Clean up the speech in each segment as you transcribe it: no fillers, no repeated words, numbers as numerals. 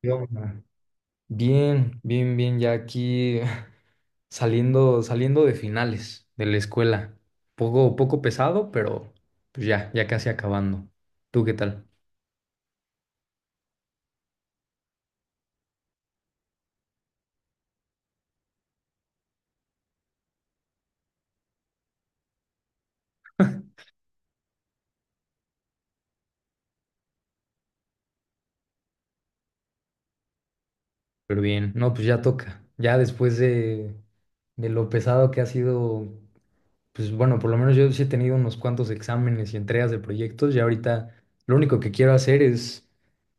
¿Qué onda? Bien, bien, bien, ya aquí saliendo, saliendo de finales de la escuela. Poco, poco pesado, pero pues ya, ya casi acabando. ¿Tú qué tal? Pero bien, no, pues ya toca. Ya después de lo pesado que ha sido, pues bueno, por lo menos yo sí he tenido unos cuantos exámenes y entregas de proyectos. Ya ahorita lo único que quiero hacer es,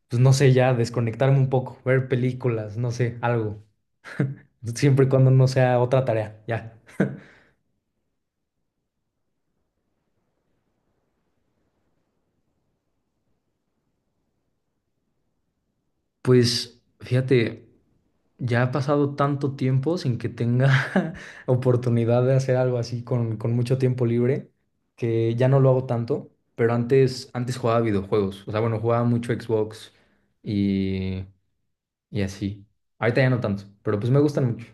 pues no sé, ya desconectarme un poco, ver películas, no sé, algo. Siempre y cuando no sea otra tarea, ya. Pues fíjate, ya ha pasado tanto tiempo sin que tenga oportunidad de hacer algo así con mucho tiempo libre, que ya no lo hago tanto, pero antes, antes jugaba videojuegos, o sea, bueno, jugaba mucho Xbox y, y así. Ahorita ya no tanto, pero pues me gustan mucho.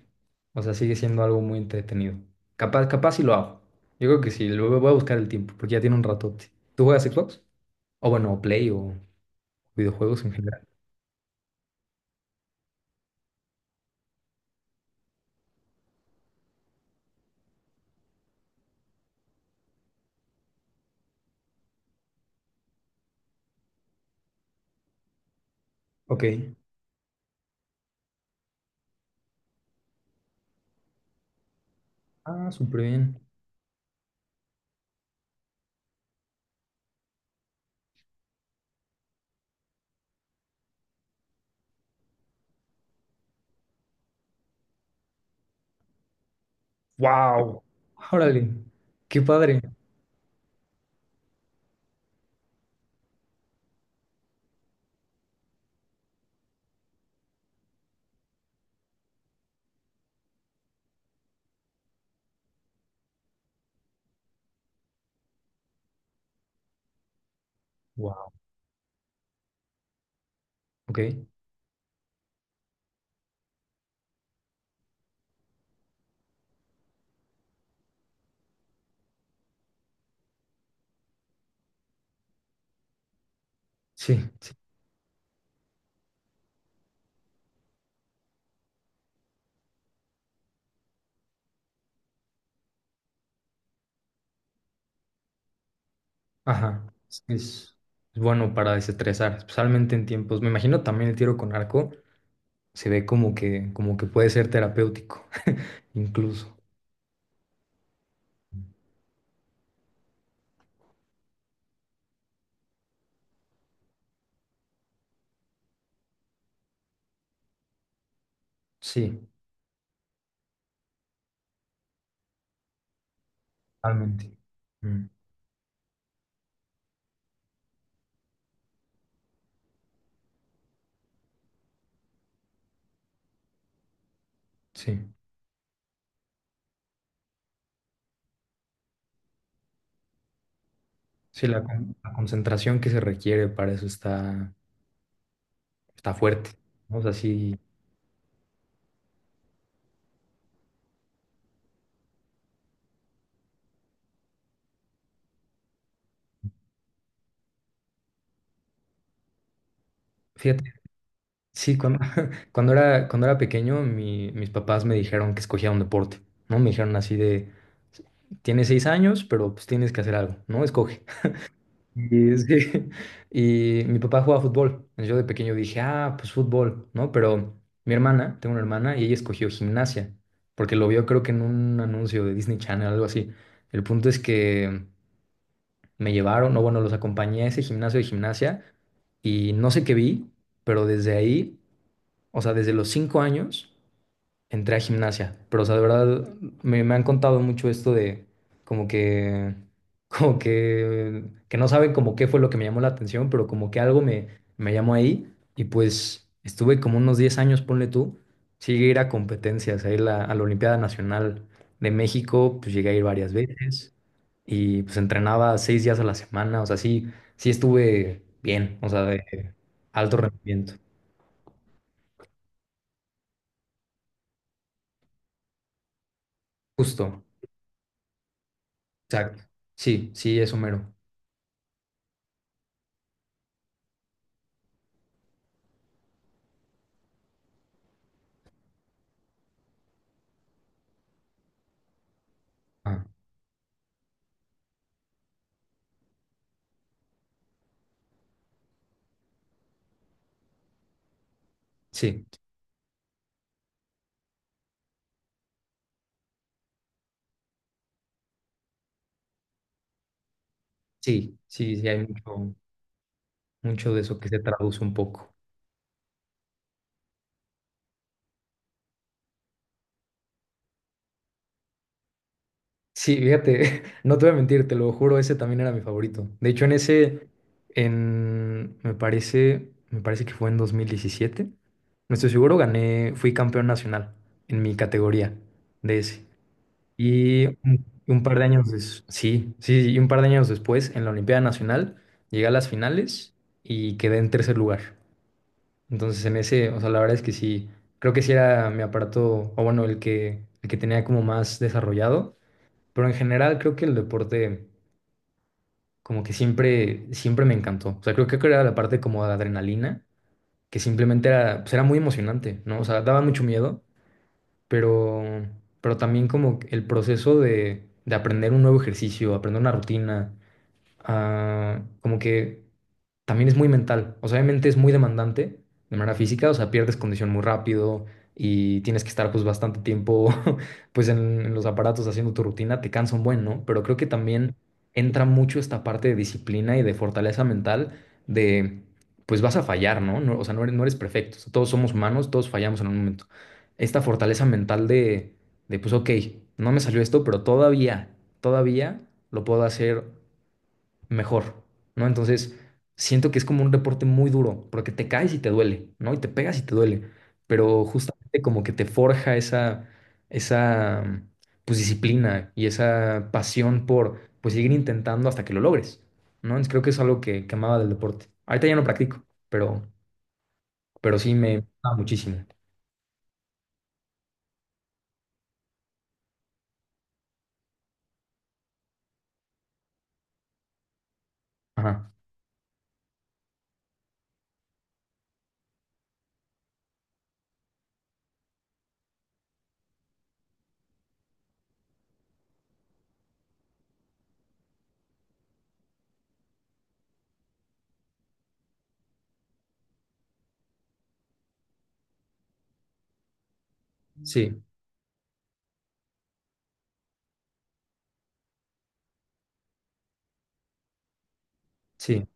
O sea, sigue siendo algo muy entretenido. Capaz, capaz si lo hago. Yo creo que sí, lo voy a buscar el tiempo, porque ya tiene un ratote. ¿Tú juegas Xbox? O bueno, Play o videojuegos en general. Ok. Ah, súper bien. Wow. Órale, qué padre. Wow. Ok, sí, sí, ajá. Es, es bueno para desestresar, especialmente en tiempos. Me imagino también el tiro con arco se ve como que, puede ser terapéutico, incluso. Sí, totalmente. Mm, sí, sí, la concentración que se requiere para eso está fuerte. ¿No? O sea, sí, fíjate. Sí, cuando era pequeño, mis papás me dijeron que escogiera un deporte, ¿no? Me dijeron así de, tienes 6 años, pero pues tienes que hacer algo, ¿no? Escoge. Y, sí, y mi papá jugaba fútbol. Yo de pequeño dije, ah, pues fútbol, ¿no? Pero mi hermana, tengo una hermana, y ella escogió gimnasia, porque lo vio creo que en un anuncio de Disney Channel, algo así. El punto es que me llevaron, o bueno, los acompañé a ese gimnasio de gimnasia, y no sé qué vi, pero desde ahí... O sea, desde los 5 años entré a gimnasia, pero o sea, de verdad me han contado mucho esto de como que, como que, que no saben como qué fue lo que me llamó la atención, pero como que algo me llamó ahí y pues estuve como unos 10 años, ponle tú, sí llegué a ir a competencias, a ir a la Olimpiada Nacional de México, pues llegué a ir varias veces y pues entrenaba 6 días a la semana, o sea, sí, sí estuve bien, o sea, de alto rendimiento, justo. Exacto. Sí, sí, es Homero. Ah, sí, sí, sí, sí, hay mucho, mucho de eso que se traduce un poco. Sí, fíjate, no te voy a mentir, te lo juro, ese también era mi favorito. De hecho, me parece que fue en 2017, no estoy seguro, gané, fui campeón nacional en mi categoría de ese. Y un par de años sí, sí, sí, y un par de años después, en la Olimpiada Nacional, llegué a las finales y quedé en tercer lugar. Entonces en ese, o sea, la verdad es que sí, creo que sí era mi aparato, o bueno, el que tenía como más desarrollado, pero en general creo que el deporte como que siempre, siempre me encantó. O sea, creo que era la parte como de adrenalina, que simplemente era, pues era muy emocionante, ¿no? O sea, daba mucho miedo, pero, pero también como el proceso de aprender un nuevo ejercicio, aprender una rutina, ah, como que también es muy mental. O sea, obviamente es muy demandante de manera física, o sea, pierdes condición muy rápido y tienes que estar pues bastante tiempo pues en los aparatos haciendo tu rutina, te cansa un buen, ¿no? Pero creo que también entra mucho esta parte de disciplina y de fortaleza mental de pues vas a fallar, ¿no? O sea, no eres perfecto. O sea, todos somos humanos, todos fallamos en un momento. Esta fortaleza mental de pues ok, no me salió esto, pero todavía, todavía lo puedo hacer mejor, ¿no? Entonces, siento que es como un deporte muy duro, porque te caes y te duele, ¿no? Y te pegas y te duele, pero justamente como que te forja esa, pues, disciplina y esa pasión por, pues, seguir intentando hasta que lo logres, ¿no? Entonces, creo que es algo que amaba del deporte. Ahorita ya no practico, pero sí me gustaba muchísimo. Ajá, sí, sí.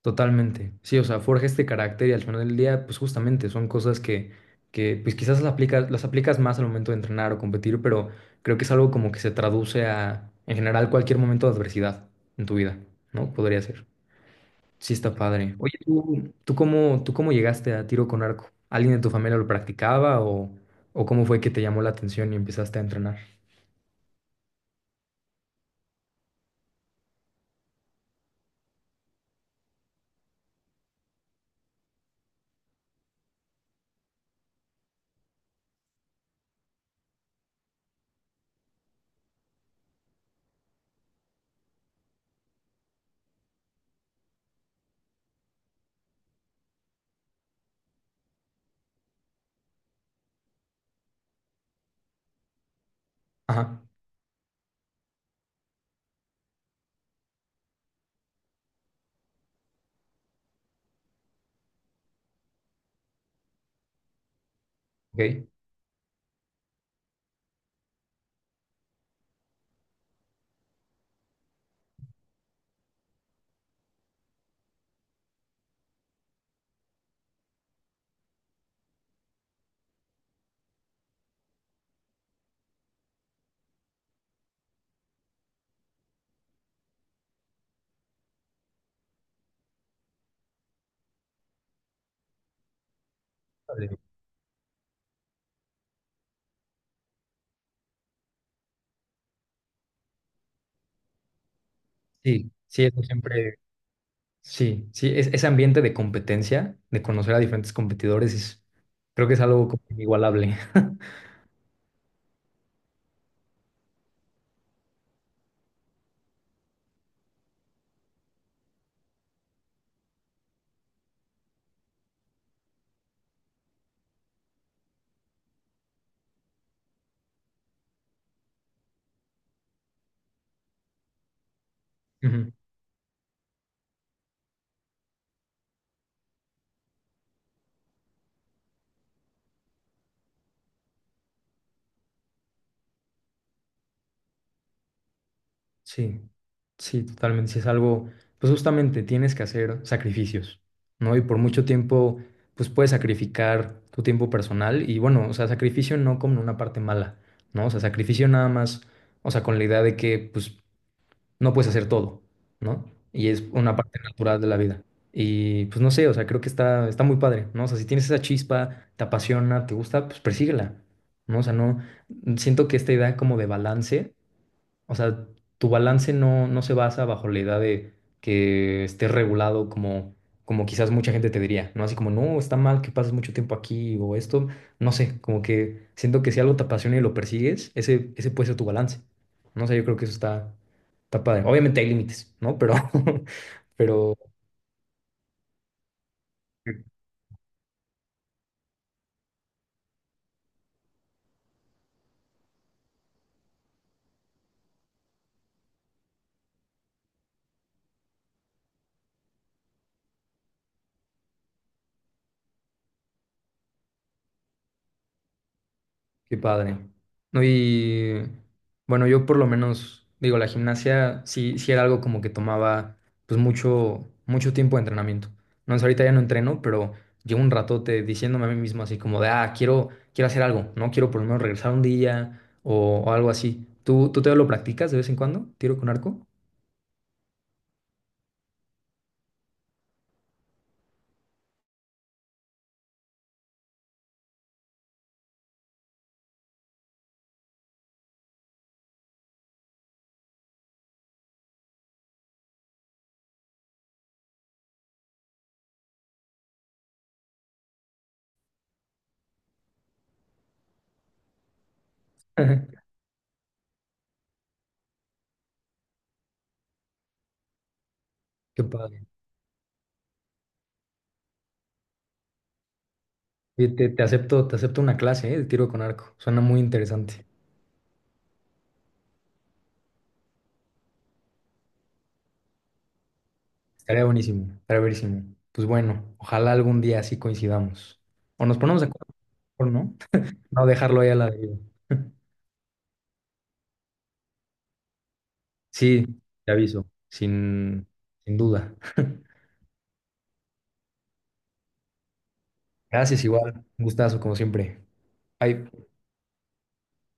Totalmente, sí, o sea, forja este carácter y al final del día, pues justamente son cosas que pues quizás las aplicas más al momento de entrenar o competir, pero creo que es algo como que se traduce a, en general, cualquier momento de adversidad en tu vida, ¿no? Podría ser. Sí, está padre. Oye, ¿tú cómo llegaste a tiro con arco? ¿Alguien de tu familia lo practicaba o cómo fue que te llamó la atención y empezaste a entrenar? Ajá, ok. Padre. Sí, sí, eso siempre... Sí, sí, ese ambiente de competencia, de conocer a diferentes competidores, creo que es algo como inigualable. Ujú. Sí, sí, totalmente. Sí, es algo, pues justamente tienes que hacer sacrificios, ¿no? Y por mucho tiempo, pues puedes sacrificar tu tiempo personal y bueno, o sea, sacrificio no como una parte mala, ¿no? O sea, sacrificio nada más, o sea, con la idea de que, pues, no puedes hacer todo, ¿no? Y es una parte natural de la vida. Y pues no sé, o sea, creo que está muy padre, ¿no? O sea, si tienes esa chispa, te apasiona, te gusta, pues persíguela, ¿no? O sea, no, siento que esta idea como de balance. O sea, tu balance no, no se basa bajo la idea de que esté regulado como quizás mucha gente te diría, ¿no? Así como, no, está mal que pases mucho tiempo aquí o esto, no sé, como que siento que si algo te apasiona y lo persigues, ese puede ser tu balance. No sé, yo creo que eso está padre. Obviamente hay límites, ¿no? Pero, pero qué padre. No, y bueno, yo por lo menos, digo, la gimnasia sí, sí era algo como que tomaba pues mucho, mucho tiempo de entrenamiento. No, o sea, ahorita ya no entreno, pero llevo un ratote diciéndome a mí mismo así como de, ah, quiero, quiero hacer algo, ¿no? Quiero por lo menos regresar un día o algo así. ¿Tú te lo practicas de vez en cuando? ¿Tiro con arco? Qué padre. Oye, te acepto una clase, ¿eh? De tiro con arco. Suena muy interesante. Estaría buenísimo, estaría buenísimo. Pues bueno, ojalá algún día así coincidamos. O nos ponemos de acuerdo, mejor, ¿no? No dejarlo ahí a la deriva. Sí, te aviso, sin duda. Gracias igual, un gustazo como siempre. Bye.